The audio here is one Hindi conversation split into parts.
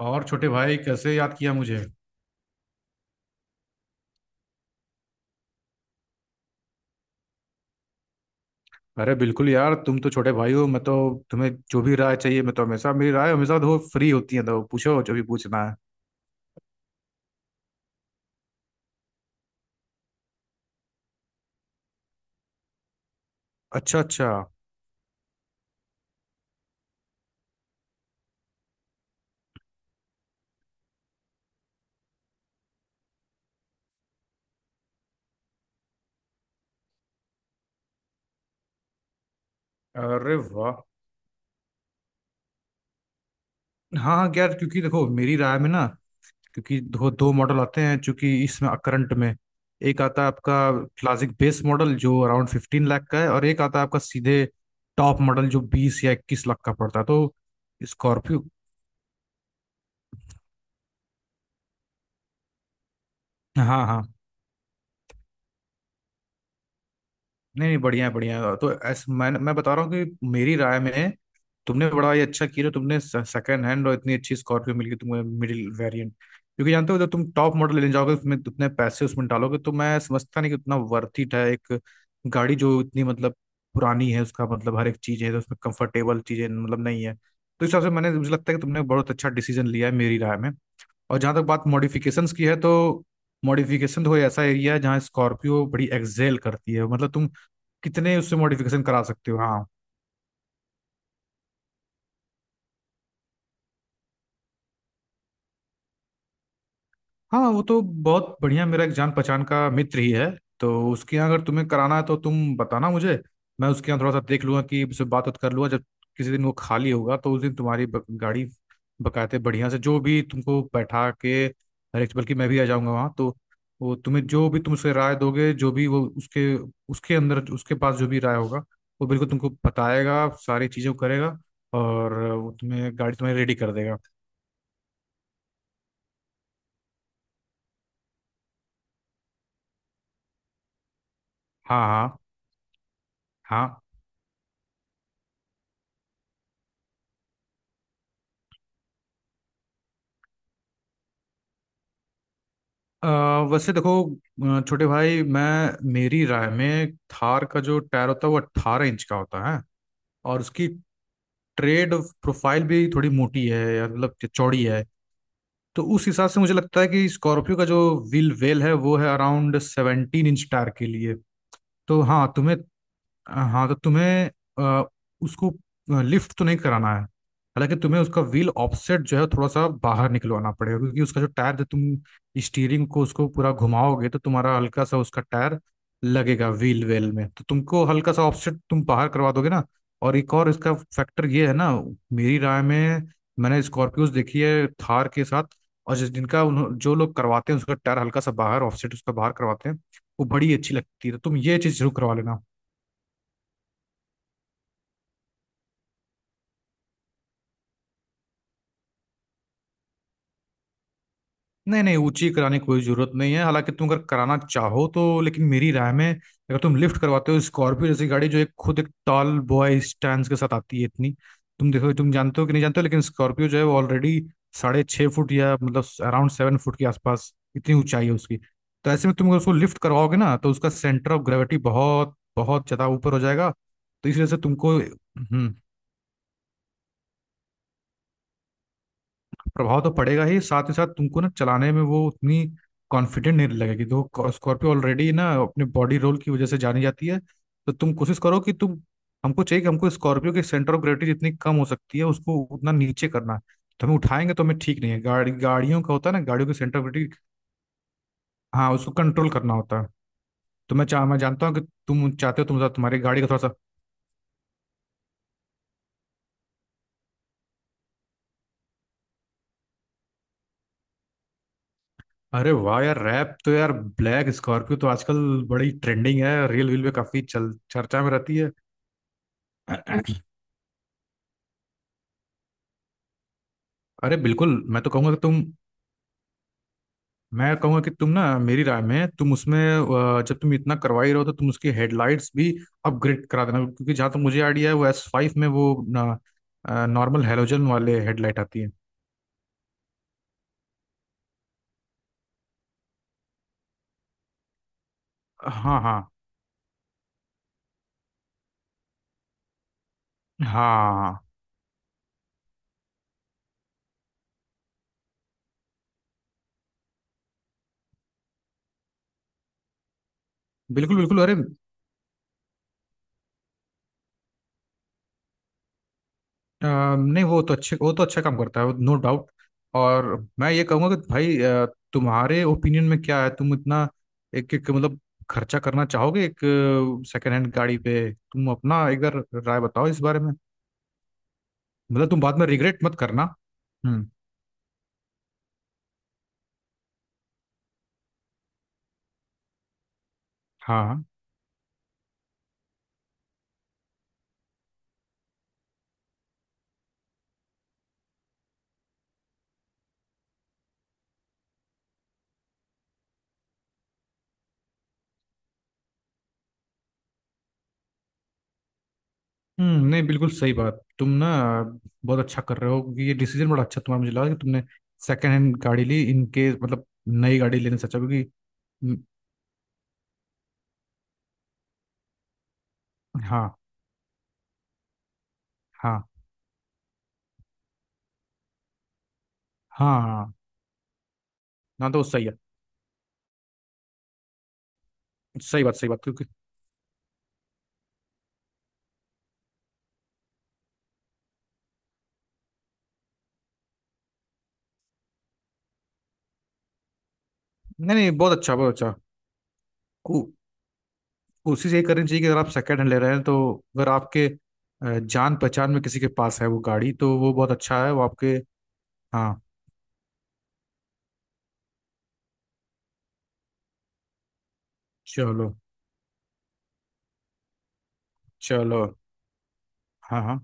और छोटे भाई कैसे याद किया मुझे? अरे बिल्कुल यार, तुम तो छोटे भाई हो। मैं तो तुम्हें जो भी राय चाहिए, मैं तो हमेशा, मेरी राय हमेशा तो फ्री होती है, तो पूछो जो भी पूछना है। अच्छा अच्छा। अरे वाह। हाँ हाँ यार, क्योंकि देखो मेरी राय में ना, क्योंकि दो दो मॉडल आते हैं चूंकि इसमें करंट में। एक आता है आपका क्लासिक बेस मॉडल जो अराउंड 15 लाख का है, और एक आता है आपका सीधे टॉप मॉडल जो 20 या 21 लाख का पड़ता है। तो स्कॉर्पियो। हाँ हाँ। नहीं नहीं, बढ़िया है बढ़िया है। तो मैं बता रहा हूँ कि मेरी राय में तुमने बड़ा ये अच्छा किया जो तुमने सेकंड हैंड और इतनी अच्छी स्कॉर्पियो मिल गई तुम्हें, मिडिल वेरिएंट, क्योंकि जानते हो जब तुम टॉप मॉडल लेने जाओगे, उसमें उतने पैसे उसमें डालोगे, तो मैं समझता नहीं कि उतना वर्थ इट है। एक गाड़ी जो इतनी मतलब पुरानी है, उसका मतलब हर एक चीज़ है, तो उसमें कंफर्टेबल चीज़ें मतलब नहीं है, तो इस हिसाब से मैंने, मुझे लगता है कि तुमने बहुत अच्छा डिसीजन लिया है मेरी राय में। और जहां तक बात मॉडिफिकेशंस की है, तो मॉडिफिकेशन तो कोई ऐसा एरिया है जहाँ स्कॉर्पियो बड़ी एक्सेल करती है। मतलब तुम कितने उससे मॉडिफिकेशन करा सकते हो। हाँ, हाँ वो तो बहुत बढ़िया, मेरा एक जान पहचान का मित्र ही है, तो उसके यहाँ अगर तुम्हें कराना है तो तुम बताना मुझे। मैं उसके यहाँ थोड़ा सा देख लूंगा कि उससे बात बात कर लूंगा। जब किसी दिन वो खाली होगा तो उस दिन तुम्हारी गाड़ी बकायदे बढ़िया से, जो भी तुमको बैठा के हर एक, बल्कि मैं भी आ जाऊंगा वहाँ तो। वो तुम्हें जो भी तुम उससे राय दोगे, जो भी वो उसके उसके अंदर, उसके पास जो भी राय होगा वो बिल्कुल तुमको बताएगा, सारी चीज़ें करेगा और वो तुम्हें गाड़ी तुम्हें रेडी कर देगा। हाँ हाँ हाँ। अ, वैसे देखो, छोटे भाई, मैं, मेरी राय में थार का जो टायर होता है वो 18 इंच का होता है। और उसकी ट्रेड प्रोफाइल भी थोड़ी मोटी है, या मतलब कि चौड़ी है। तो उस हिसाब से मुझे लगता है कि स्कॉर्पियो का जो व्हील वेल है वो है अराउंड 17 इंच टायर के लिए। तो हाँ तुम्हें, हाँ तो तुम्हें अ, उसको लिफ्ट तो नहीं कराना है। हालांकि तुम्हें उसका व्हील ऑफसेट जो है थोड़ा सा बाहर निकलवाना पड़ेगा, क्योंकि उसका जो टायर है, तुम स्टीयरिंग को उसको पूरा घुमाओगे तो तुम्हारा हल्का सा उसका टायर लगेगा व्हील वेल में, तो तुमको हल्का सा ऑफसेट तुम बाहर करवा दोगे ना। और एक और इसका फैक्टर ये है ना, मेरी राय में, मैंने स्कॉर्पियोज देखी है थार के साथ। और जो लोग करवाते हैं उसका टायर हल्का सा बाहर ऑफसेट, उसका बाहर करवाते हैं, वो बड़ी अच्छी लगती है। तो तुम ये चीज़ जरूर करवा लेना। नहीं नहीं, ऊंची कराने की कोई जरूरत नहीं है, हालांकि तुम अगर कराना चाहो तो। लेकिन मेरी राय में, अगर तुम लिफ्ट करवाते हो स्कॉर्पियो जैसी गाड़ी जो एक खुद एक टॉल बॉय स्टैंड के साथ आती है इतनी, तुम देखो तुम जानते हो कि नहीं जानते हो, लेकिन स्कॉर्पियो जो है वो ऑलरेडी 6.5 फुट, या मतलब अराउंड 7 फुट के आसपास इतनी ऊंचाई है उसकी। तो ऐसे में तुम अगर उसको लिफ्ट करवाओगे ना, तो उसका सेंटर ऑफ ग्रेविटी बहुत बहुत ज्यादा ऊपर हो जाएगा। तो इस वजह से तुमको, प्रभाव तो पड़ेगा ही, साथ ही साथ तुमको ना चलाने में वो उतनी कॉन्फिडेंट नहीं लगेगी। देखो स्कॉर्पियो ऑलरेडी ना अपने बॉडी रोल की वजह से जानी जाती है। तो तुम कोशिश करो कि तुम, हमको चाहिए कि हमको स्कॉर्पियो के सेंटर ऑफ ग्रेविटी जितनी कम हो सकती है उसको उतना नीचे करना है। तो हमें उठाएंगे तो हमें ठीक नहीं है। गाड़ी, गाड़ियों का होता है ना, गाड़ियों के सेंटर ऑफ ग्रेविटी। हाँ, उसको कंट्रोल करना होता है। तो मैं जानता हूँ कि तुम चाहते हो, तुम्हारी गाड़ी का थोड़ा सा, अरे वाह यार, रैप तो यार, ब्लैक स्कॉर्पियो तो आजकल बड़ी ट्रेंडिंग है, रील वील में काफी चल चर्चा में रहती है। अरे बिल्कुल, मैं तो कहूंगा कि तुम, मैं कहूंगा कि तुम ना मेरी राय में तुम उसमें जब तुम इतना करवा ही रहो तो तुम उसकी हेडलाइट्स भी अपग्रेड करा देना, क्योंकि जहां तक मुझे आइडिया है, वो S5 में वो ना नॉर्मल हेलोजन वाले हेडलाइट आती है। हाँ हाँ हाँ। बिल्कुल बिल्कुल, अरे नहीं वो तो अच्छे, वो तो अच्छा काम करता है वो, नो डाउट। और मैं ये कहूँगा कि भाई, तुम्हारे ओपिनियन में क्या है, तुम इतना एक एक मतलब खर्चा करना चाहोगे एक सेकेंड हैंड गाड़ी पे? तुम अपना एक बार राय बताओ इस बारे में। मतलब तुम बाद में रिग्रेट मत करना। हम्म। हाँ। हम्म, नहीं बिल्कुल सही बात, तुम ना बहुत अच्छा कर रहे हो, क्योंकि ये डिसीजन बड़ा अच्छा तुम्हारा, मुझे लगा कि तुमने सेकेंड हैंड गाड़ी ली, इनके मतलब नई गाड़ी लेने से अच्छा, क्योंकि हम्म, हाँ हाँ हाँ। हाँ, ना तो सही है। सही बात, सही बात। नहीं नहीं, बहुत अच्छा बहुत अच्छा। को, कोशिश ये करनी चाहिए कि अगर आप सेकेंड हैंड ले रहे हैं, तो अगर आपके जान पहचान में किसी के पास है वो गाड़ी, तो वो बहुत अच्छा है, वो आपके। हाँ, चलो। चलो। हाँ हाँ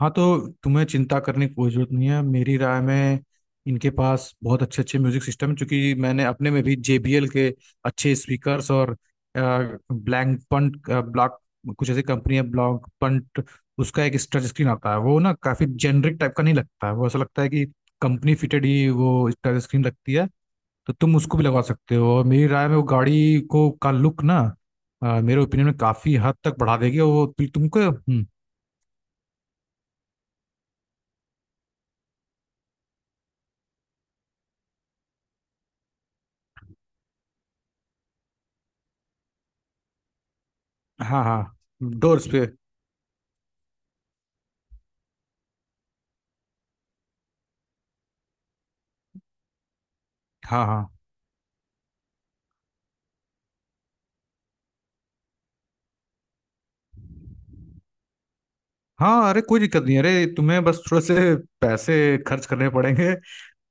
हाँ, तो तुम्हें चिंता करने की कोई जरूरत नहीं है मेरी राय में। इनके पास बहुत अच्छे अच्छे म्यूजिक सिस्टम है, क्योंकि मैंने अपने में भी JBL के अच्छे स्पीकर्स और ब्लैंक पंट ब्लॉक, कुछ ऐसी कंपनी है, ब्लॉक पंट, उसका एक टच स्क्रीन आता है वो ना काफी जेनरिक टाइप का नहीं लगता है, वो ऐसा लगता है कि कंपनी फिटेड ही वो टच स्क्रीन लगती है। तो तुम उसको भी लगा सकते हो, और मेरी राय में वो गाड़ी को का लुक ना, मेरे ओपिनियन में काफी हद तक बढ़ा देगी। और वो तुमको, हाँ हाँ। डोर्स पे। हाँ हाँ हाँ, अरे कोई दिक्कत नहीं, अरे तुम्हें बस थोड़े से पैसे खर्च करने पड़ेंगे।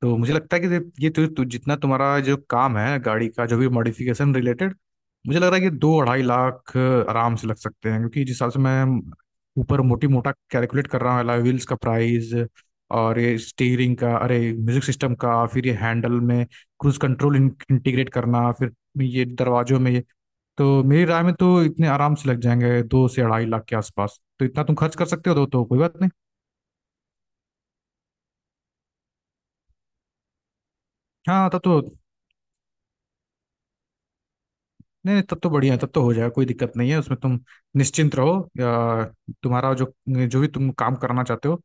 तो मुझे लगता है कि ये तु, तु, जितना तुम्हारा जो काम है गाड़ी का, जो भी मॉडिफिकेशन रिलेटेड, मुझे लग रहा है कि 2-2.5 लाख आराम से लग सकते हैं, क्योंकि जिस हिसाब से मैं ऊपर मोटी मोटा कैलकुलेट कर रहा हूँ अलॉय व्हील्स का प्राइस, और ये स्टीयरिंग का, अरे म्यूजिक सिस्टम का, फिर ये हैंडल में क्रूज कंट्रोल इंटीग्रेट करना, फिर ये दरवाजों में ये। तो मेरी राय में तो इतने आराम से लग जाएंगे 2 से 2.5 लाख के आसपास, तो इतना तुम खर्च कर सकते हो तो, कोई बात नहीं। हाँ तब तो, नहीं नहीं, तब तो बढ़िया है, तब तो हो जाएगा, कोई दिक्कत नहीं है उसमें, तुम निश्चिंत रहो। या तुम्हारा जो, जो भी तुम काम करना चाहते हो,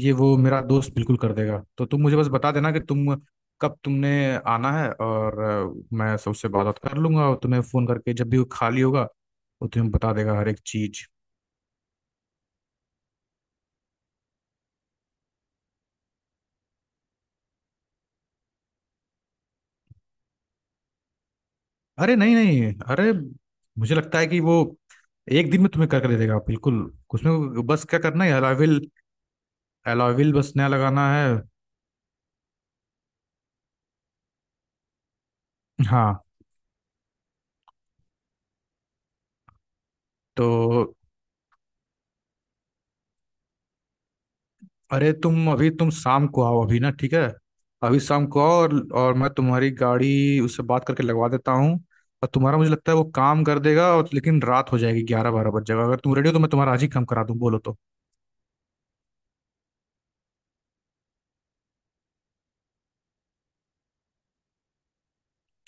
ये, वो मेरा दोस्त बिल्कुल कर देगा। तो तुम मुझे बस बता देना कि तुम कब तुमने आना है, और मैं सबसे बात बात कर लूंगा, और तुम्हें फ़ोन करके जब भी वो खाली होगा, वो तुम्हें बता देगा हर एक चीज़। अरे नहीं नहीं, अरे मुझे लगता है कि वो एक दिन में तुम्हें कर कर दे देगा बिल्कुल। उसमें बस क्या करना है, अलॉयविल। अलॉयविल बस नया लगाना है। हाँ तो, अरे तुम अभी, तुम शाम को आओ अभी ना, ठीक है? अभी शाम को आओ और मैं तुम्हारी गाड़ी उससे बात करके लगवा देता हूँ। और तुम्हारा मुझे लगता है वो काम कर देगा, और लेकिन रात हो जाएगी, 11-12 बज जाएगा। अगर तुम रेडी हो तो मैं तुम्हारा आज ही काम करा दूँ, बोलो तो।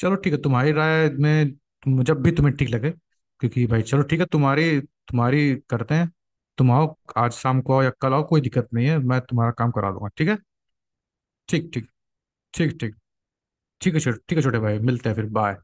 चलो ठीक है, तुम्हारी राय में, तुम जब भी तुम्हें ठीक लगे, क्योंकि भाई चलो ठीक है, तुम्हारी तुम्हारी करते हैं। तुम आओ, आज शाम को आओ या कल आओ, कोई दिक्कत नहीं है, मैं तुम्हारा काम करा दूंगा, ठीक है। ठीक ठीक। ठीक ठीक। ठीक है छोटे, ठीक है छोटे भाई, मिलते हैं फिर। बाय।